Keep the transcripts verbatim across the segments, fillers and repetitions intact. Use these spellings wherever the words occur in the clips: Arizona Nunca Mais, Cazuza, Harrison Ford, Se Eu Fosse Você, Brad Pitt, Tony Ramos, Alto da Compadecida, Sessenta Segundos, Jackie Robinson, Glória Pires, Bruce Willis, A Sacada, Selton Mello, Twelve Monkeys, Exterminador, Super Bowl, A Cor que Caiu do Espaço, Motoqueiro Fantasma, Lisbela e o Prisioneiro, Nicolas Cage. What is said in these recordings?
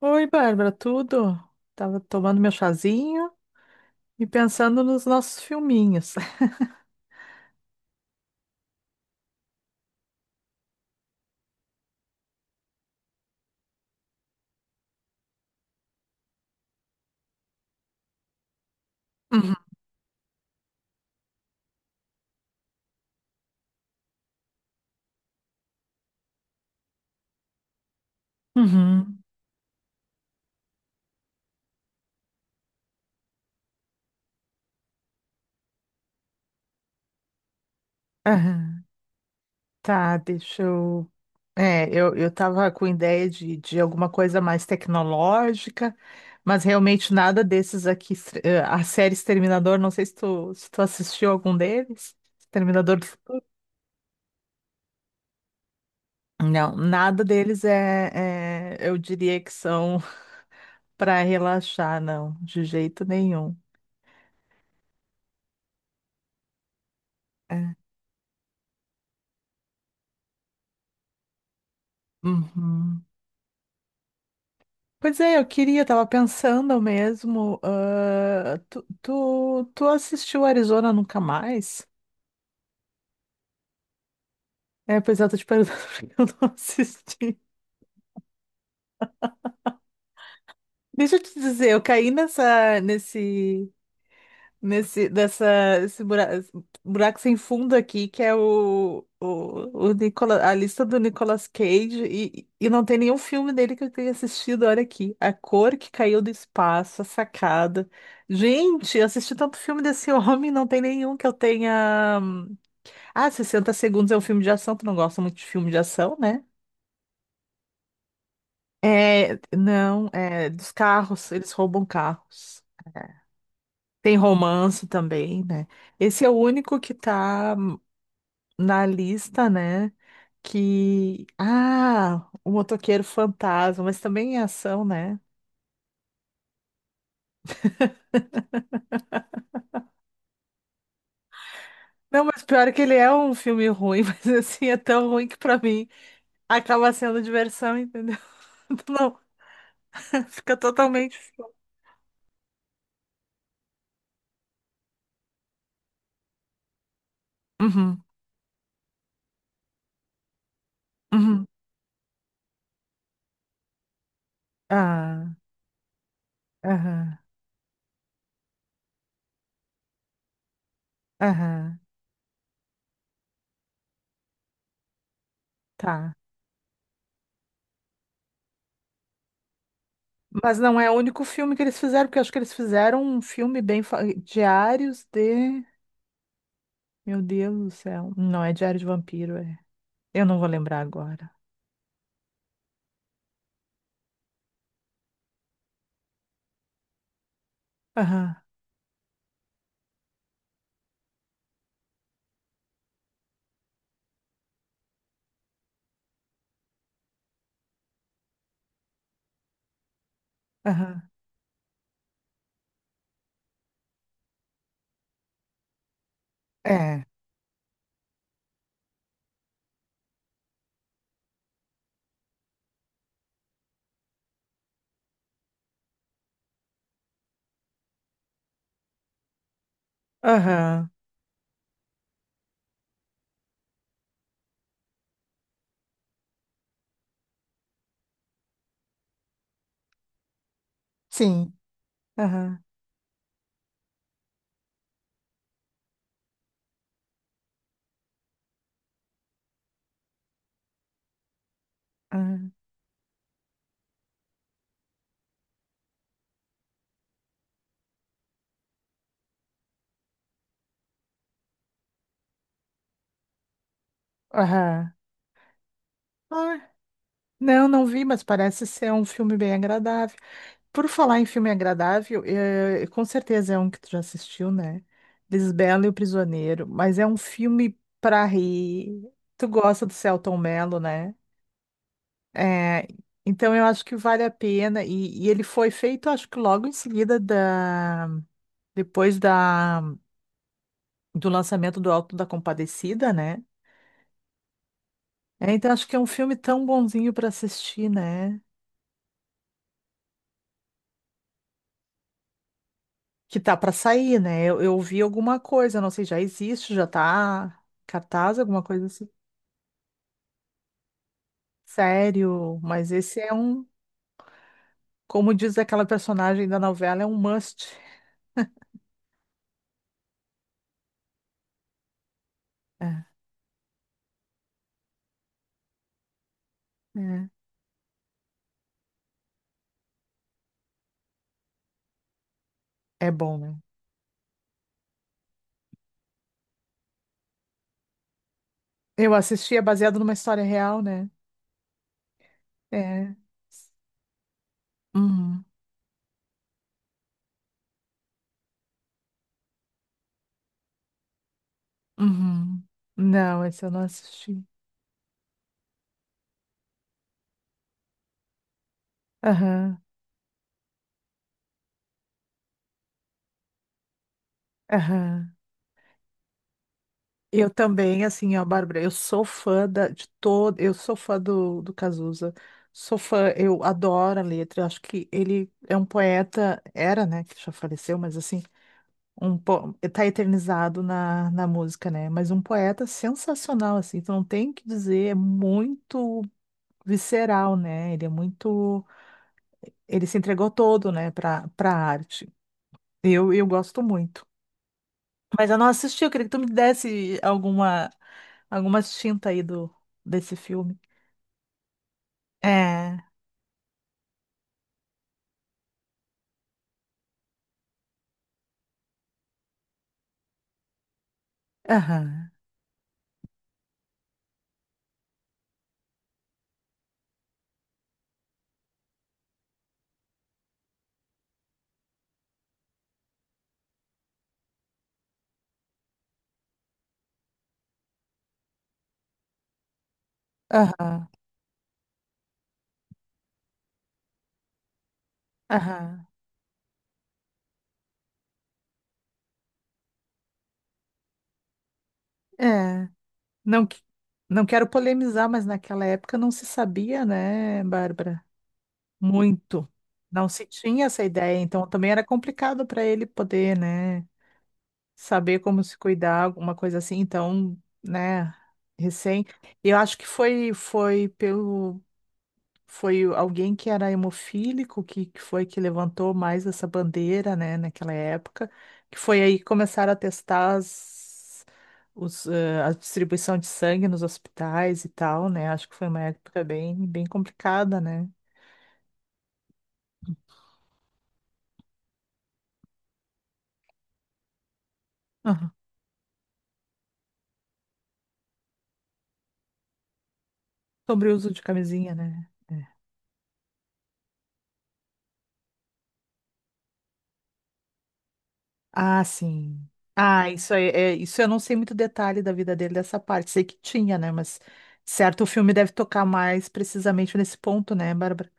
Oi, Bárbara, tudo? Tava tomando meu chazinho e pensando nos nossos filminhos. Uhum. Uhum. Aham. Tá, deixa eu. É, eu, eu tava com ideia de, de, alguma coisa mais tecnológica, mas realmente nada desses aqui. estre- eh, A série Exterminador, não sei se tu, se tu assistiu algum deles. Exterminador do Fu-. Não, nada deles é, é- eu diria que são para relaxar, não, de jeito nenhum. É. Uhum. Pois é, eu queria, tava pensando mesmo. ah, tu, tu, tu assistiu Arizona Nunca Mais? É, pois é, eu tô te perguntando porque eu não assisti. Deixa eu te dizer, eu caí nessa, nesse, nesse dessa esse buraco, buraco sem fundo aqui que é o o, o Nicola- a lista do Nicolas Cage e, e não tem nenhum filme dele que eu tenha assistido. Olha aqui, A Cor que Caiu do Espaço, A Sacada. Gente, eu assisti tanto filme desse homem, não tem nenhum que eu tenha. Ah, Sessenta Segundos é um filme de ação, tu não gosta muito de filme de ação, né? É, não, é dos carros, eles roubam carros. É, tem romance também, né? Esse é o único que tá na lista, né? Que. Ah, o Motoqueiro Fantasma, mas também é ação, né? Não, mas pior é que ele é um filme ruim, mas assim, é tão ruim que pra mim acaba sendo diversão, entendeu? Não, fica totalmente fora. Uhum, uhum. Ah, aham, aham, tá. Mas não é o único filme que eles fizeram, porque eu acho que eles fizeram um filme bem, fa- Diários de. Meu Deus do céu. Não é Diário de Vampiro, é. Eu não vou lembrar agora. Aham. É. Aham. Sim. Aham. Aham. Aham. Ah, não, não vi, mas parece ser um filme bem agradável. Por falar em filme agradável, eh, com certeza é um que tu já assistiu, né? Lisbela e o Prisioneiro, mas é um filme pra rir. Tu gosta do Selton Mello, né? É, então eu acho que vale a pena. E, e ele foi feito, acho que logo em seguida da, depois da, do lançamento do Alto da Compadecida, né? É, então acho que é um filme tão bonzinho pra assistir, né? Que tá pra sair, né? Eu, eu vi alguma coisa, não sei, já existe, já tá cartaz, alguma coisa assim. Sério, mas esse é um, como diz aquela personagem da novela, é um must. É, é, é bom, né? Eu assisti, é baseado numa história real, né? É. Uhum, uhum. Não, esse eu não assisti. Aham, aham. Eu também, assim, ó, Bárbara, eu sou fã da, de todo, eu sou fã do, do Cazuza, sou fã, eu adoro a letra, eu acho que ele é um poeta, era, né, que já faleceu, mas assim, um, po- tá eternizado na, na música, né, mas um poeta sensacional, assim, tu não tem o que dizer, é muito visceral, né, ele é muito, ele se entregou todo, né, pra, pra arte, eu, eu gosto muito. Mas eu não assisti, eu queria que tu me desse alguma, alguma tinta aí do, desse filme. É, aham, aham, aham, é. Não, que- não quero polemizar, mas naquela época não se sabia, né, Bárbara? Muito. Não se tinha essa ideia, então também era complicado para ele poder, né, saber como se cuidar, alguma coisa assim. Então, né, recém. Eu acho que foi, foi pelo. Foi o- alguém que era hemofílico que, que foi que levantou mais essa bandeira, né, naquela época, que foi aí que começaram a testar as, os, eh, a distribuição de sangue nos hospitais e tal, né? Acho que foi uma época bem, bem complicada, né? Aham. Sobre o uso de camisinha, né? É. Ah, sim. Ah, isso aí, é, isso eu não sei muito detalhe da vida dele dessa parte. Sei que tinha, né? Mas certo, o filme deve tocar mais precisamente nesse ponto, né, Bárbara?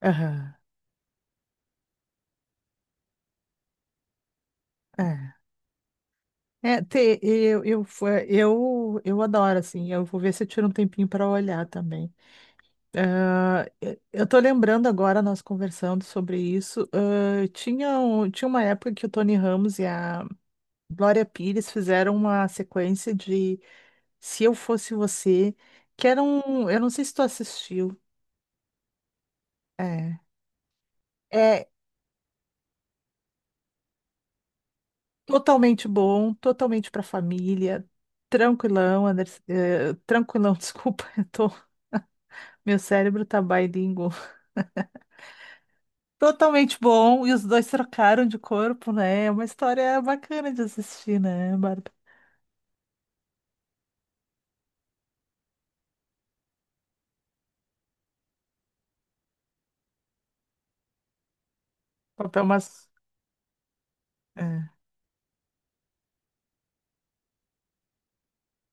Aham. É. É, te- eu, eu, fo- eu, eu adoro, assim, eu vou ver se eu tiro um tempinho para olhar também. Ah, eu eu tô lembrando agora, nós conversando sobre isso, ah, tinha, um- tinha uma época que o Tony Ramos e a Glória Pires fizeram uma sequência de Se Eu Fosse Você, que era um, eu não sei se tu assistiu, é, é totalmente bom, totalmente pra família, tranquilão, Anderson, eh, tranquilão, desculpa, eu tô. Meu cérebro tá bilíngue. Totalmente bom, e os dois trocaram de corpo, né? É uma história bacana de assistir, né, Bárbara? Papel mas é.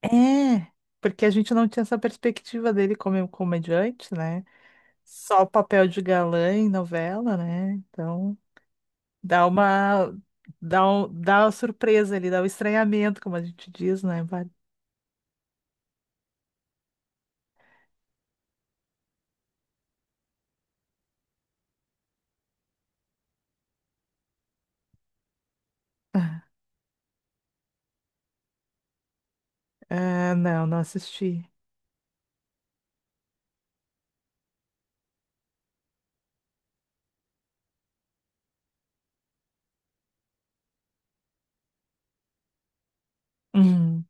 É, porque a gente não tinha essa perspectiva dele como comediante, né? Só o papel de galã em novela, né? Então, dá uma dá um, dá uma surpresa ali, dá um estranhamento, como a gente diz, né, Bárbara? Ah, não, não assisti. Uhum.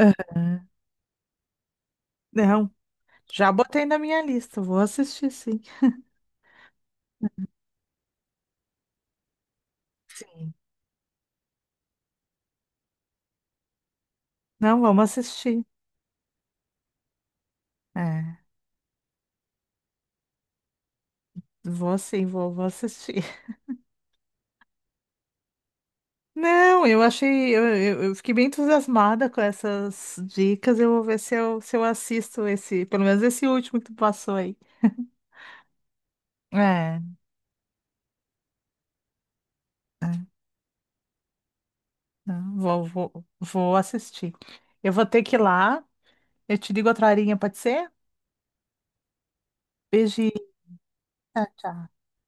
Aham. Não, já botei na minha lista, vou assistir, sim. Sim. Não, vamos assistir. É, vou sim, vou, vou assistir. Não, eu achei, eu, eu- eu fiquei bem entusiasmada com essas dicas. Eu vou ver se eu, se eu assisto esse, pelo menos esse último que tu passou aí. É, é, não, vou, vou, vou assistir. Eu vou ter que ir lá. Eu te ligo outra horinha, pode ser? Beijinho, tchau, tchau.